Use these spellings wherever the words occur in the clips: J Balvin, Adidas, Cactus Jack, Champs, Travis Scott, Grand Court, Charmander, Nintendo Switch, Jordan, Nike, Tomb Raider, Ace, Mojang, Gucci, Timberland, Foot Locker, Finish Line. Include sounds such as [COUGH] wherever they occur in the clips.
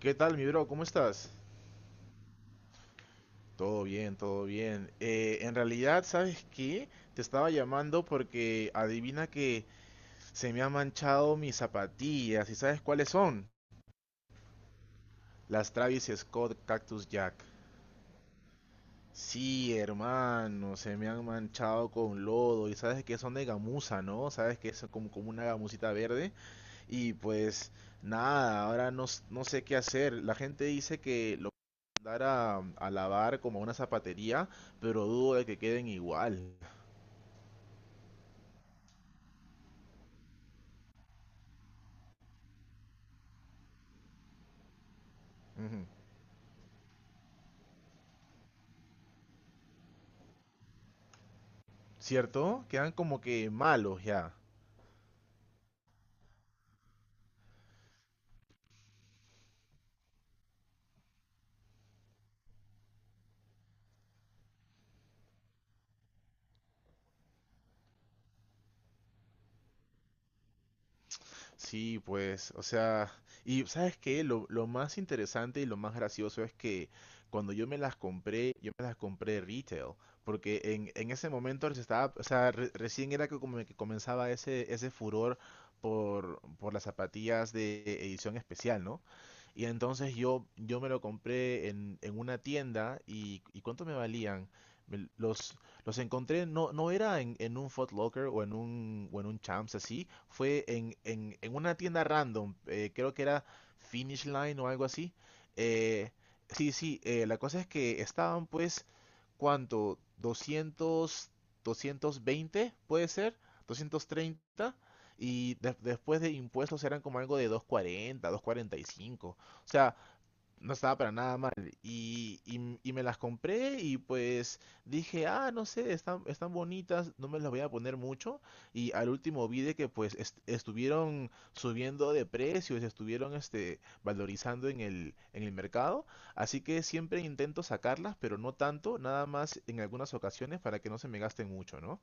¿Qué tal, mi bro? ¿Cómo estás? Todo bien, todo bien. En realidad, ¿sabes qué? Te estaba llamando porque adivina que se me han manchado mis zapatillas. ¿Y sabes cuáles son? Las Travis Scott Cactus Jack. Sí, hermano, se me han manchado con lodo. Y sabes que son de gamuza, ¿no? ¿Sabes que es como una gamusita verde? Y pues nada, ahora no, no sé qué hacer. La gente dice que lo mandar a lavar como a una zapatería, pero dudo de que queden igual. Ujú. ¿Cierto? Quedan como que malos ya. Sí, pues, o sea, y ¿sabes qué? Lo más interesante y lo más gracioso es que cuando yo me las compré, yo me las compré retail, porque en ese momento se estaba, o sea, recién era que como que comenzaba ese furor por las zapatillas de edición especial, ¿no? Y entonces yo me lo compré en una tienda ¿y cuánto me valían? Me- Los, los encontré, no era en un Foot Locker o en un Champs así, fue en una tienda random, creo que era Finish Line o algo así. Eh, sí, la cosa es que estaban pues, ¿cuánto? 200, 220 puede ser, 230. Y después de impuestos eran como algo de 240, 245. O sea, no estaba para nada mal. Y me las compré y pues dije, ah, no sé, están, están bonitas, no me las voy a poner mucho. Y al último vi de que pues estuvieron subiendo de precios, estuvieron este, valorizando en el mercado. Así que siempre intento sacarlas, pero no tanto, nada más en algunas ocasiones para que no se me gasten mucho, ¿no?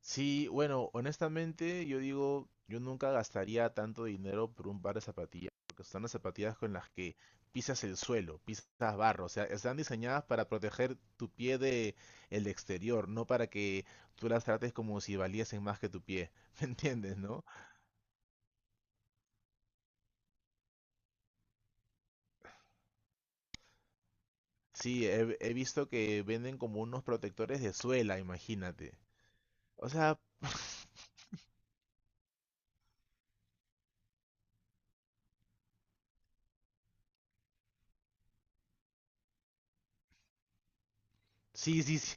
Sí, bueno, honestamente yo digo, yo nunca gastaría tanto dinero por un par de zapatillas, porque son las zapatillas con las que pisas el suelo, pisas barro, o sea, están diseñadas para proteger tu pie de el exterior, no para que tú las trates como si valiesen más que tu pie, [LAUGHS] ¿me entiendes, no? Sí, he visto que venden como unos protectores de suela, imagínate. O sea, [LAUGHS] sí, sí, sí.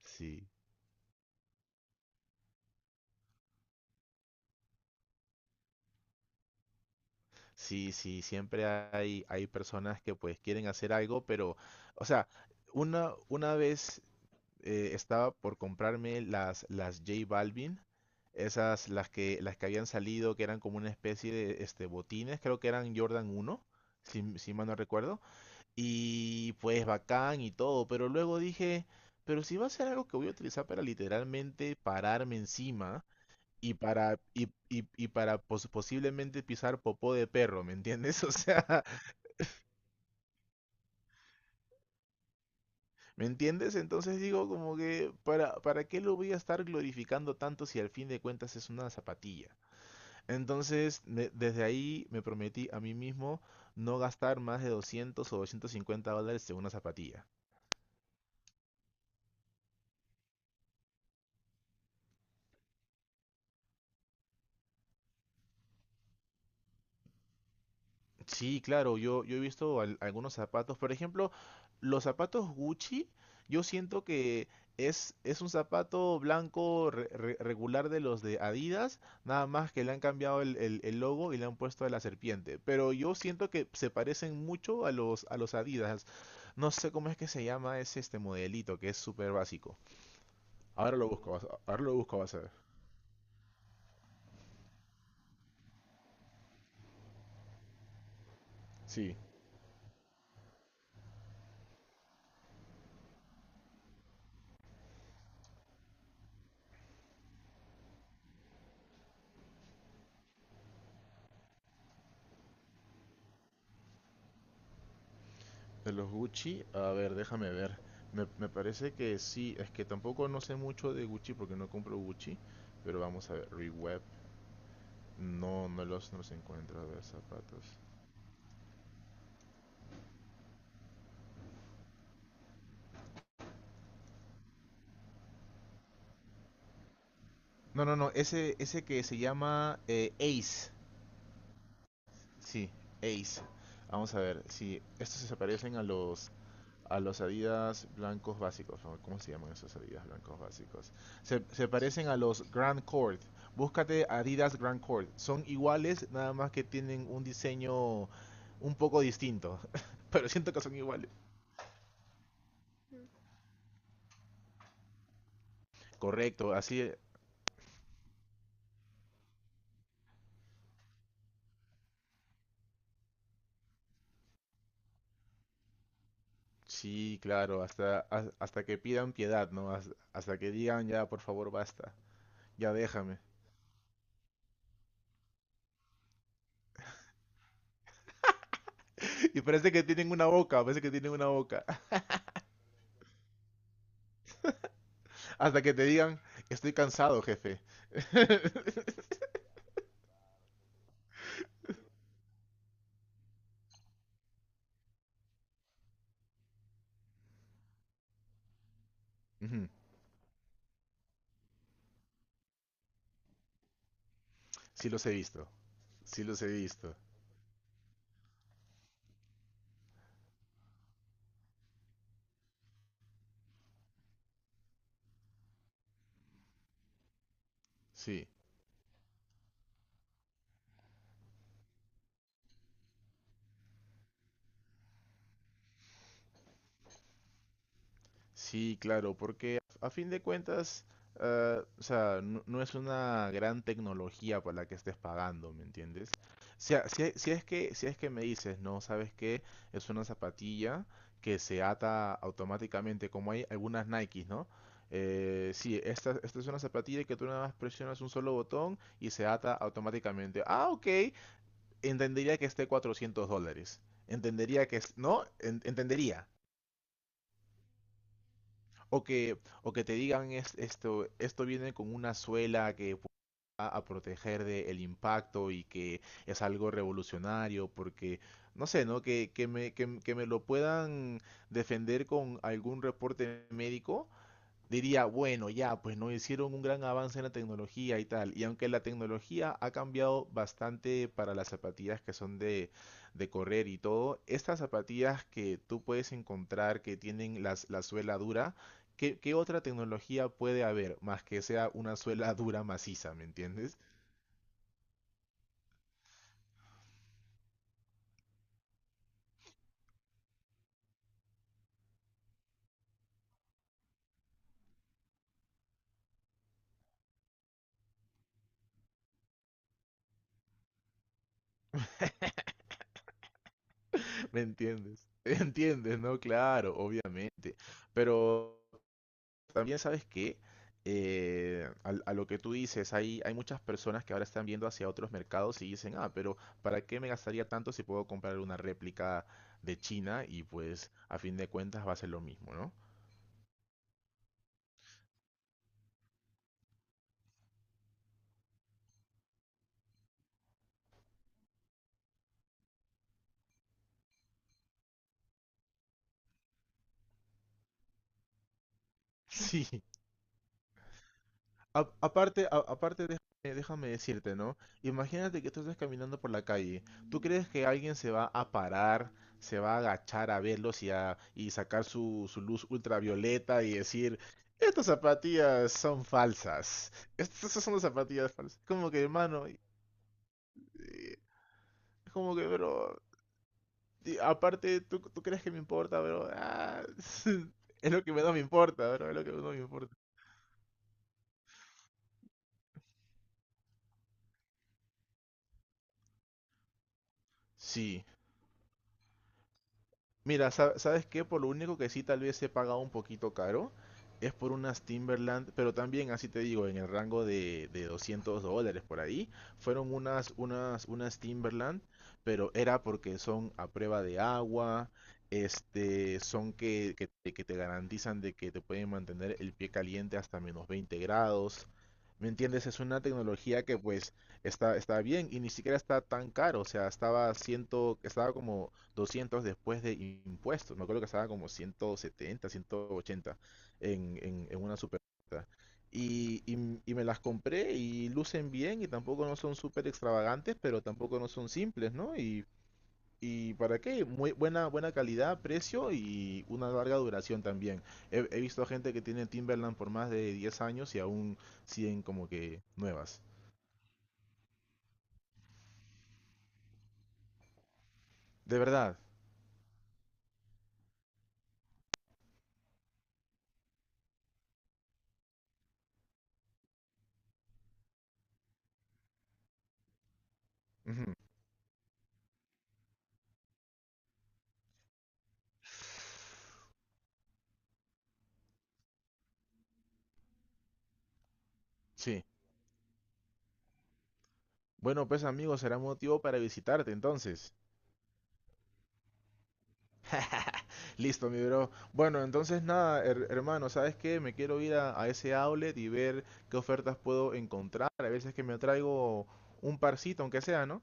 [LAUGHS] Sí. Sí, sí, siempre hay, hay personas que pues quieren hacer algo, pero, o sea, una vez estaba por comprarme las J Balvin, esas, las que habían salido, que eran como una especie de este, botines, creo que eran Jordan uno, si mal no recuerdo, y pues bacán y todo, pero luego dije, pero si va a ser algo que voy a utilizar para literalmente pararme encima, y para, y para posiblemente pisar popó de perro, ¿me entiendes? [LAUGHS] O sea, ¿me entiendes? Entonces digo como que, para qué lo voy a estar glorificando tanto si al fin de cuentas es una zapatilla? Entonces, desde ahí me prometí a mí mismo no gastar más de 200 o $250 en una zapatilla. Sí, claro, yo he visto algunos zapatos. Por ejemplo, los zapatos Gucci, yo siento que es un zapato blanco regular de los de Adidas, nada más que le han cambiado el logo y le han puesto a la serpiente. Pero yo siento que se parecen mucho a a los Adidas. No sé cómo es que se llama ese este modelito, que es súper básico. Ahora lo busco, ahora lo busco, vas a ver. Sí. De los Gucci, a ver, déjame ver. Me parece que sí, es que tampoco no sé mucho de Gucci porque no compro Gucci, pero vamos a ver, Reweb. No los encuentro, a ver, zapatos. No, no, no, ese que se llama Ace. Sí, Ace. Vamos a ver, sí, estos se parecen a los Adidas blancos básicos. ¿No? ¿Cómo se llaman esos Adidas blancos básicos? Se parecen a los Grand Court. Búscate Adidas Grand Court. Son iguales, nada más que tienen un diseño un poco distinto. [LAUGHS] Pero siento que son iguales. Correcto, así. Sí, claro, hasta que pidan piedad, ¿no? Hasta que digan, ya, por favor, basta, ya déjame. [LAUGHS] Y parece que tienen una boca, parece que tienen una boca. [LAUGHS] Hasta que te digan, estoy cansado, jefe. Ujú. Sí los he visto. Sí los he visto. Sí, sí, claro, porque a fin de cuentas, ah, o sea, no, no es una gran tecnología para la que estés pagando, ¿me entiendes? O sea, si, es si es que, si es que me dices, no, ¿sabes qué? Es una zapatilla que se ata automáticamente, como hay algunas Nikes, ¿no? Sí, esta, esta es una zapatilla que tú nada más presionas un solo botón y se ata automáticamente. Ah, ok. Entendería que esté $400. Entendería que es, ¿no? Entendería. O que, o que te digan esto, esto viene con una suela que va a proteger del impacto y que es algo revolucionario, porque, no sé, ¿no? Que me, que, que me lo puedan defender con algún reporte médico diría, bueno, ya, pues no hicieron un gran avance en la tecnología y tal. Y aunque la tecnología ha cambiado bastante para las zapatillas que son de correr y todo, estas zapatillas que tú puedes encontrar que tienen la suela dura, ¿qué, qué otra tecnología puede haber más que sea una suela [LAUGHS] dura maciza, ¿me entiendes? [LAUGHS] ¿Me entiendes? [LAUGHS] ¿Entiendes? No, claro, obviamente. Pero... También sabes que a lo que tú dices, hay muchas personas que ahora están viendo hacia otros mercados y dicen, ah, pero ¿para qué me gastaría tanto si puedo comprar una réplica de China? Y pues a fin de cuentas va a ser lo mismo, ¿no? [LAUGHS] Sí, aparte, aparte déjame, déjame decirte, ¿no? Imagínate que tú estás caminando por la calle. ¿Tú crees que alguien se va a parar, se va a agachar a verlos y, y sacar su luz ultravioleta y decir, estas zapatillas son falsas? Estas estas son las zapatillas falsas. Como que, hermano, y- como que, bro, y aparte, tú crees que me importa, bro? Ah, [LAUGHS] es lo que menos me importa, bro, es lo que menos me importa. Sí. Mira, ¿sabes qué? Por lo único que sí tal vez he pagado un poquito caro es por unas Timberland, pero también, así te digo, en el rango de $200 por ahí, fueron unas Timberland, pero era porque son a prueba de agua, este, son que te garantizan de que te pueden mantener el pie caliente hasta menos 20 grados. ¿Me entiendes? Es una tecnología que pues está, está bien y ni siquiera está tan caro, o sea, estaba como 200 después de impuestos. Me acuerdo que estaba como 170, 180 en una super. Me las compré y lucen bien y tampoco no son súper extravagantes, pero tampoco no son simples, ¿no? Y para qué, muy buena, buena calidad, precio y una larga duración también. He visto gente que tiene Timberland por más de 10 años y aún siguen como que nuevas. De verdad. Ujú. Sí. Bueno, pues amigos, será motivo para visitarte entonces. Listo, mi bro. Bueno, entonces nada, hermano, ¿sabes qué? Me quiero ir a ese outlet y ver qué ofertas puedo encontrar. A veces que me traigo un parcito, aunque sea, ¿no?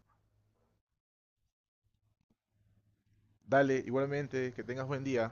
Dale, igualmente, que tengas buen día.